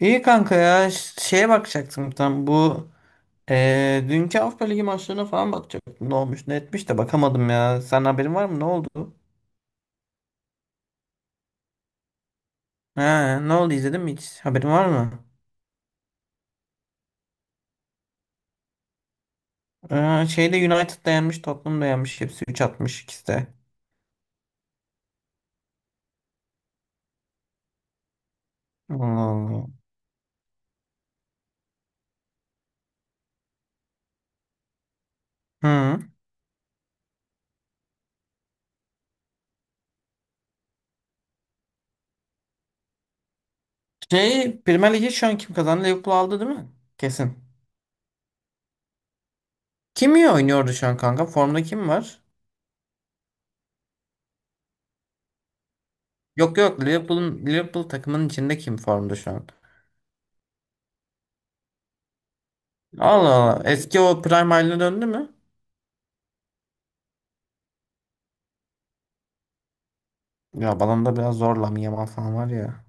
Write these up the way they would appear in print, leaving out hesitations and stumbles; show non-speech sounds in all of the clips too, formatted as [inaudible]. İyi kanka ya şeye bakacaktım tam bu dünkü Avrupa Ligi maçlarına falan bakacaktım ne olmuş ne etmiş de bakamadım ya sen haberin var mı ne oldu? Ha, ne oldu izledin mi hiç haberin var mı? Şeyde United da yenmiş Tottenham da yenmiş hepsi 3 atmış ikisi de. Allah Allah. Hı. Şey Premier Ligi şu an kim kazandı Liverpool aldı değil mi? Kesin. Kim iyi oynuyordu şu an kanka formda kim var? Yok yok Liverpool'un Liverpool takımının içinde kim formda şu an? Allah Allah eski o Prime haline döndü mü? Ya balonda biraz zor Lamine Yamal falan var ya.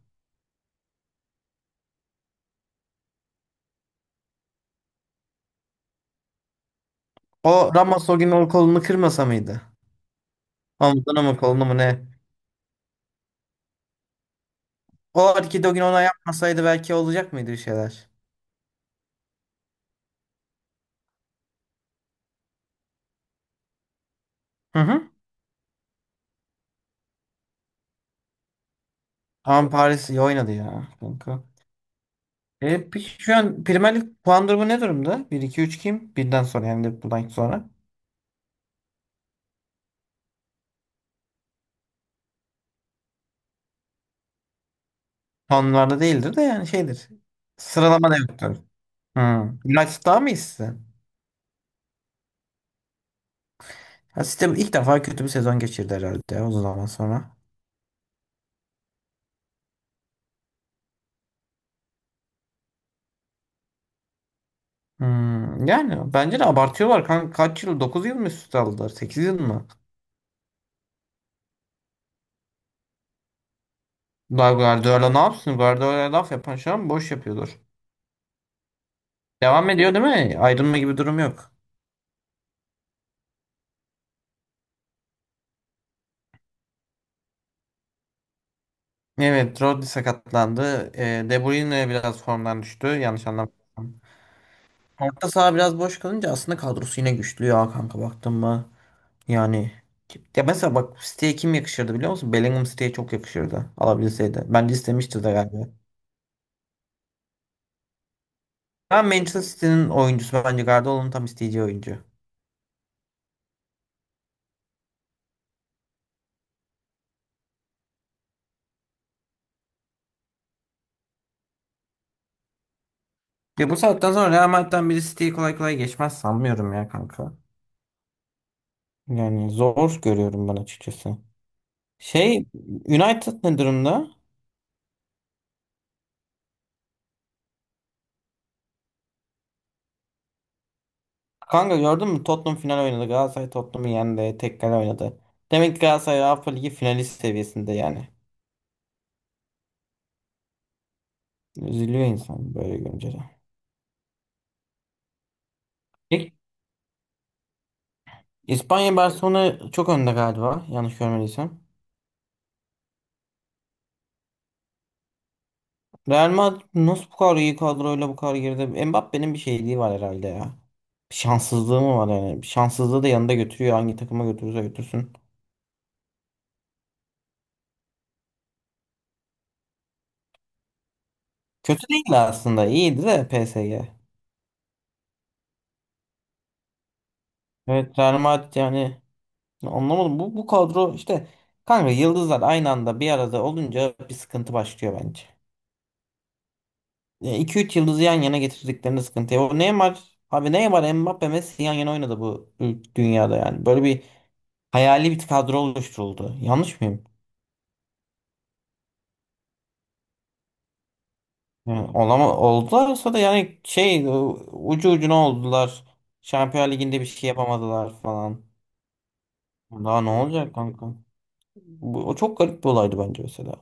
O Ramos o gün o kolunu kırmasa mıydı? Omzuna mı kolunu mu ne? O hareketi o gün ona yapmasaydı belki olacak mıydı bir şeyler? Hı hı. Ama Paris iyi oynadı ya kanka. Peki şu an Premier Lig puan durumu ne durumda? Bir iki üç kim? Birden sonra yani Liverpool'dan sonra. Puanlarda değildir de yani şeydir. Sıralama da yoktur. Hı. United daha mı iyisi? Ha, sistem ilk defa kötü bir sezon geçirdi herhalde uzun zaman sonra. Hmm, yani bence de abartıyorlar kanka. Kaç yıl? 9 yıl mı üst üste aldılar? 8 yıl mı? Daha Guardiola ne yapsın? Guardiola laf yapan şu an boş yapıyordur. Devam ediyor değil mi? Ayrılma gibi durum yok. Evet, Rodri sakatlandı. De Bruyne biraz formdan düştü. Yanlış anlamadım. Orta saha biraz boş kalınca aslında kadrosu yine güçlü ya kanka baktın mı? Yani ya mesela bak City'ye kim yakışırdı biliyor musun? Bellingham City'ye çok yakışırdı alabilseydi. Bence istemişti de galiba. Ben Manchester City'nin oyuncusu bence Guardiola'nın tam isteyeceği oyuncu. Ya bu saatten sonra Real Madrid'den biri City'yi kolay kolay geçmez sanmıyorum ya kanka. Yani zor görüyorum ben açıkçası. Şey United ne durumda? Kanka gördün mü Tottenham final oynadı. Galatasaray Tottenham'ı yendi. Tek kale oynadı. Demek ki Galatasaray Avrupa Ligi finalist seviyesinde yani. Üzülüyor insan böyle görünce de. İlk İspanya Barcelona çok önde galiba. Yanlış görmediysem. Real Madrid nasıl bu kadar iyi kadroyla bu kadar geride? Mbappé'nin bir şeyliği var herhalde ya. Şanssızlığı mı var yani? Şanssızlığı da yanında götürüyor. Hangi takıma götürürse götürsün. Kötü değildi aslında. İyiydi de PSG. Evet Real Madrid yani anlamadım. Bu kadro işte kanka yıldızlar aynı anda bir arada olunca bir sıkıntı başlıyor bence. İki üç yıldızı yan yana getirdiklerinde sıkıntı. Ya O Neymar abi Neymar Mbappe Messi yan yana oynadı bu dünyada yani. Böyle bir hayali bir kadro oluşturuldu. Yanlış mıyım? Yani olama oldularsa da yani şey ucu ucuna oldular. Şampiyonlar Ligi'nde bir şey yapamadılar falan. Daha ne olacak kanka? Bu, o çok garip bir olaydı bence mesela.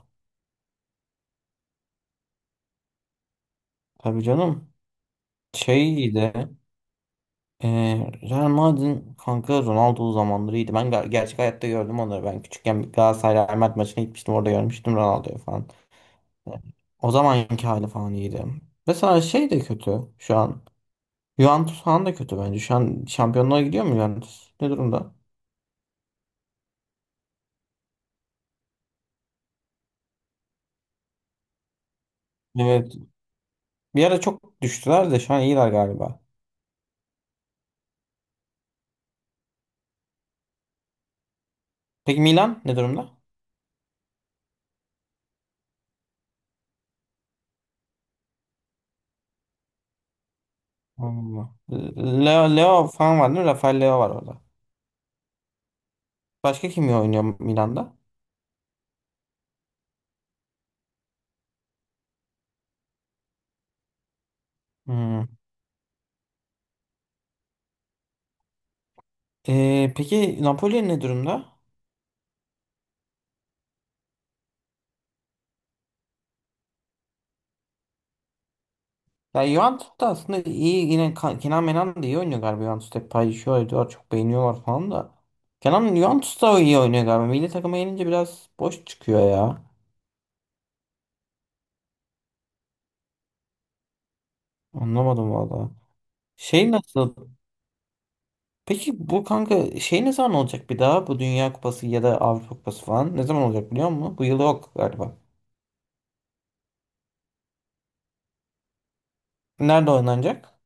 Tabii canım. Şey de e, Real Madrid'in kanka Ronaldo zamanları iyiydi. Ben gerçek hayatta gördüm onları. Ben küçükken bir Galatasaray Real Madrid maçına gitmiştim. Orada görmüştüm Ronaldo'yu falan. Yani o zamanki hali falan iyiydi. Mesela şey de kötü şu an. Juventus falan da kötü bence. Şu an şampiyonluğa gidiyor mu Juventus? Ne durumda? Evet. Bir ara çok düştüler de şu an iyiler galiba. Peki Milan ne durumda? Allah. Leo, Leo falan var değil mi? Rafael Leo var orada. Başka kim oynuyor Milan'da? Hmm. Peki Napoli ne durumda? Ya Juventus da aslında iyi yine Kenan Menan da iyi oynuyor galiba. Juventus hep paylaşıyor ediyor çok beğeniyorlar falan da. Kenan Juventus da iyi oynuyor galiba. Milli takıma gelince biraz boş çıkıyor ya. Anlamadım valla. Şey nasıl? Peki bu kanka şey ne zaman olacak bir daha? Bu Dünya Kupası ya da Avrupa Kupası falan ne zaman olacak biliyor musun? Bu yıl yok galiba. Nerede oynanacak?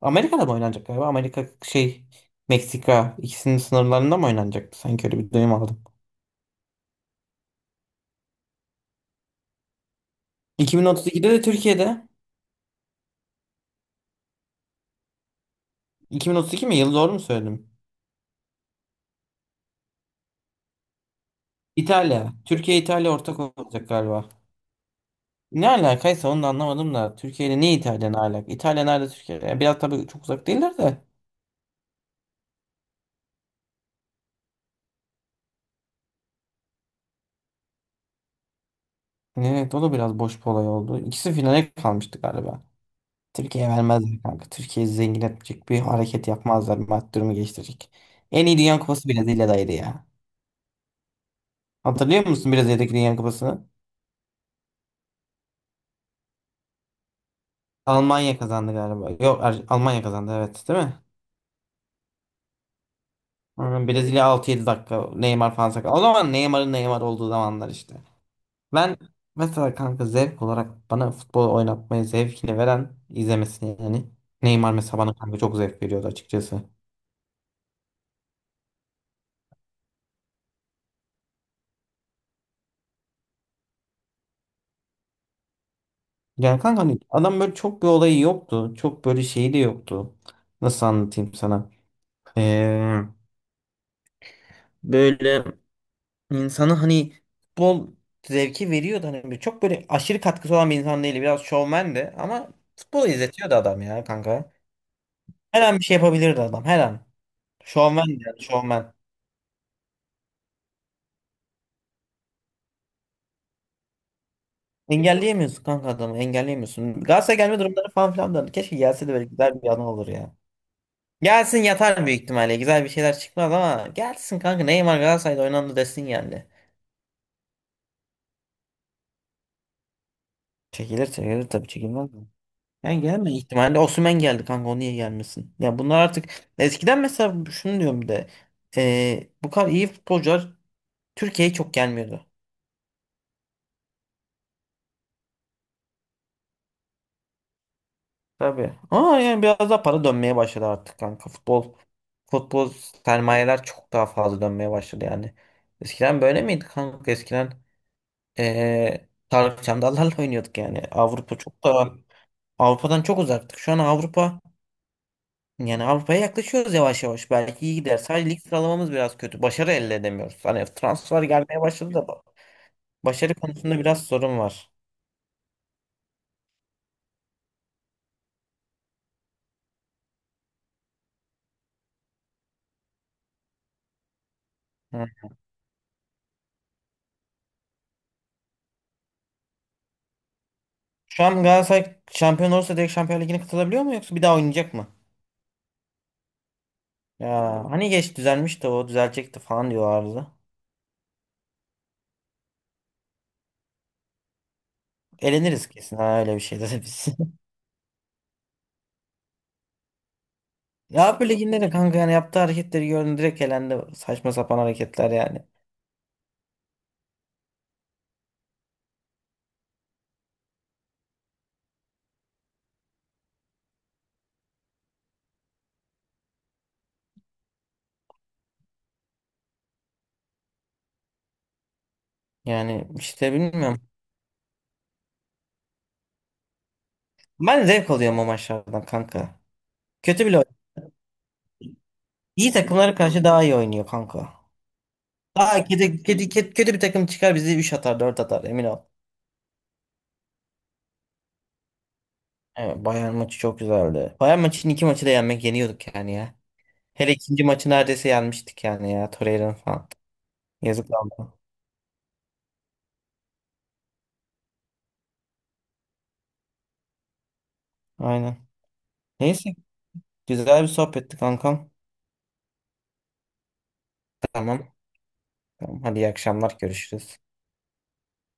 Amerika'da mı oynanacak galiba? Amerika şey Meksika ikisinin sınırlarında mı oynanacaktı? Sanki öyle bir duyum aldım. 2032'de de Türkiye'de. 2032 mi? Yıl doğru mu söyledim? İtalya. Türkiye İtalya ortak olacak galiba. Ne alakaysa onu da anlamadım da. Türkiye ile ne İtalya ne alaka? İtalya nerede Türkiye? Yani biraz tabii çok uzak değiller de. Evet o da biraz boş bir olay oldu. İkisi finale kalmıştı galiba. Türkiye'ye vermezler kanka. Türkiye'yi zengin etmeyecek bir hareket yapmazlar. Maddi durumu geliştirecek. En iyi Dünya Kupası Brezilya'daydı ya. Hatırlıyor musun Brezilya'daki Dünya Kupası'nı? Almanya kazandı galiba. Yok Almanya kazandı evet değil mi? Aynen, Brezilya 6-7 dakika Neymar falan sakat. O zaman Neymar'ın Neymar olduğu zamanlar işte. Ben mesela kanka zevk olarak bana futbol oynatmayı zevkini veren izlemesini yani. Neymar mesela bana kanka çok zevk veriyordu açıkçası. Ya kanka hani adam böyle çok bir olayı yoktu. Çok böyle şeyi de yoktu. Nasıl anlatayım sana? Ee, Böyle insanı hani futbol zevki veriyordu hani. Böyle çok böyle aşırı katkısı olan bir insan değildi. Biraz şovmen de ama futbolu izletiyordu adam ya kanka. Her an bir şey yapabilirdi adam her an. Şovmen de yani şovmen. Engelleyemiyorsun kanka adamı engelleyemiyorsun. Galatasaray gelme durumları falan filan da keşke gelse de böyle güzel bir anı olur ya. Gelsin yatar büyük ihtimalle. Güzel bir şeyler çıkmaz ama gelsin kanka. Neymar Galatasaray'da oynandı desin geldi. Çekilir çekilir tabii çekilmez mi? Yani gelme ihtimalle Osimhen geldi kanka o niye gelmesin? Ya bunlar artık eskiden mesela şunu diyorum bir de bu kadar iyi futbolcular Türkiye'ye çok gelmiyordu. Tabii. Ama yani biraz daha para dönmeye başladı artık kanka. Futbol futbol sermayeler çok daha fazla dönmeye başladı yani. Eskiden böyle miydi kanka? Eskiden Tarık Çamdallar'la [laughs] oynuyorduk yani. Avrupa çok daha Avrupa'dan çok uzaktık. Şu an Avrupa yani Avrupa'ya yaklaşıyoruz yavaş yavaş. Belki iyi gider. Sadece lig sıralamamız biraz kötü. Başarı elde edemiyoruz. Hani transfer gelmeye başladı da başarı konusunda biraz sorun var. Hı. Şu an Galatasaray şampiyon olursa direkt Şampiyon Ligi'ne katılabiliyor mu yoksa bir daha oynayacak mı? Ya hani geç düzelmişti o düzelecekti falan diyorlardı. Eleniriz kesin ha öyle bir şey de biz. [laughs] Ya Avrupa Ligi'nde de kanka yani yaptığı hareketleri gördüm direkt elendi. Saçma sapan hareketler yani. Yani işte bilmiyorum. Ben zevk alıyorum o maçlardan kanka. Kötü bile oynuyor. İyi takımlara karşı daha iyi oynuyor kanka. Daha kötü, kötü, kötü, kötü bir takım çıkar bizi 3 atar 4 atar emin ol. Evet, Bayern maçı çok güzeldi. Bayern maçının iki maçı da yenmek yeniyorduk yani ya. Hele ikinci maçı neredeyse yenmiştik yani ya. Torreira'nın falan. Yazık oldu. Aynen. Neyse güzel bir sohbetti kankam. Tamam. Tamam. Hadi iyi akşamlar görüşürüz.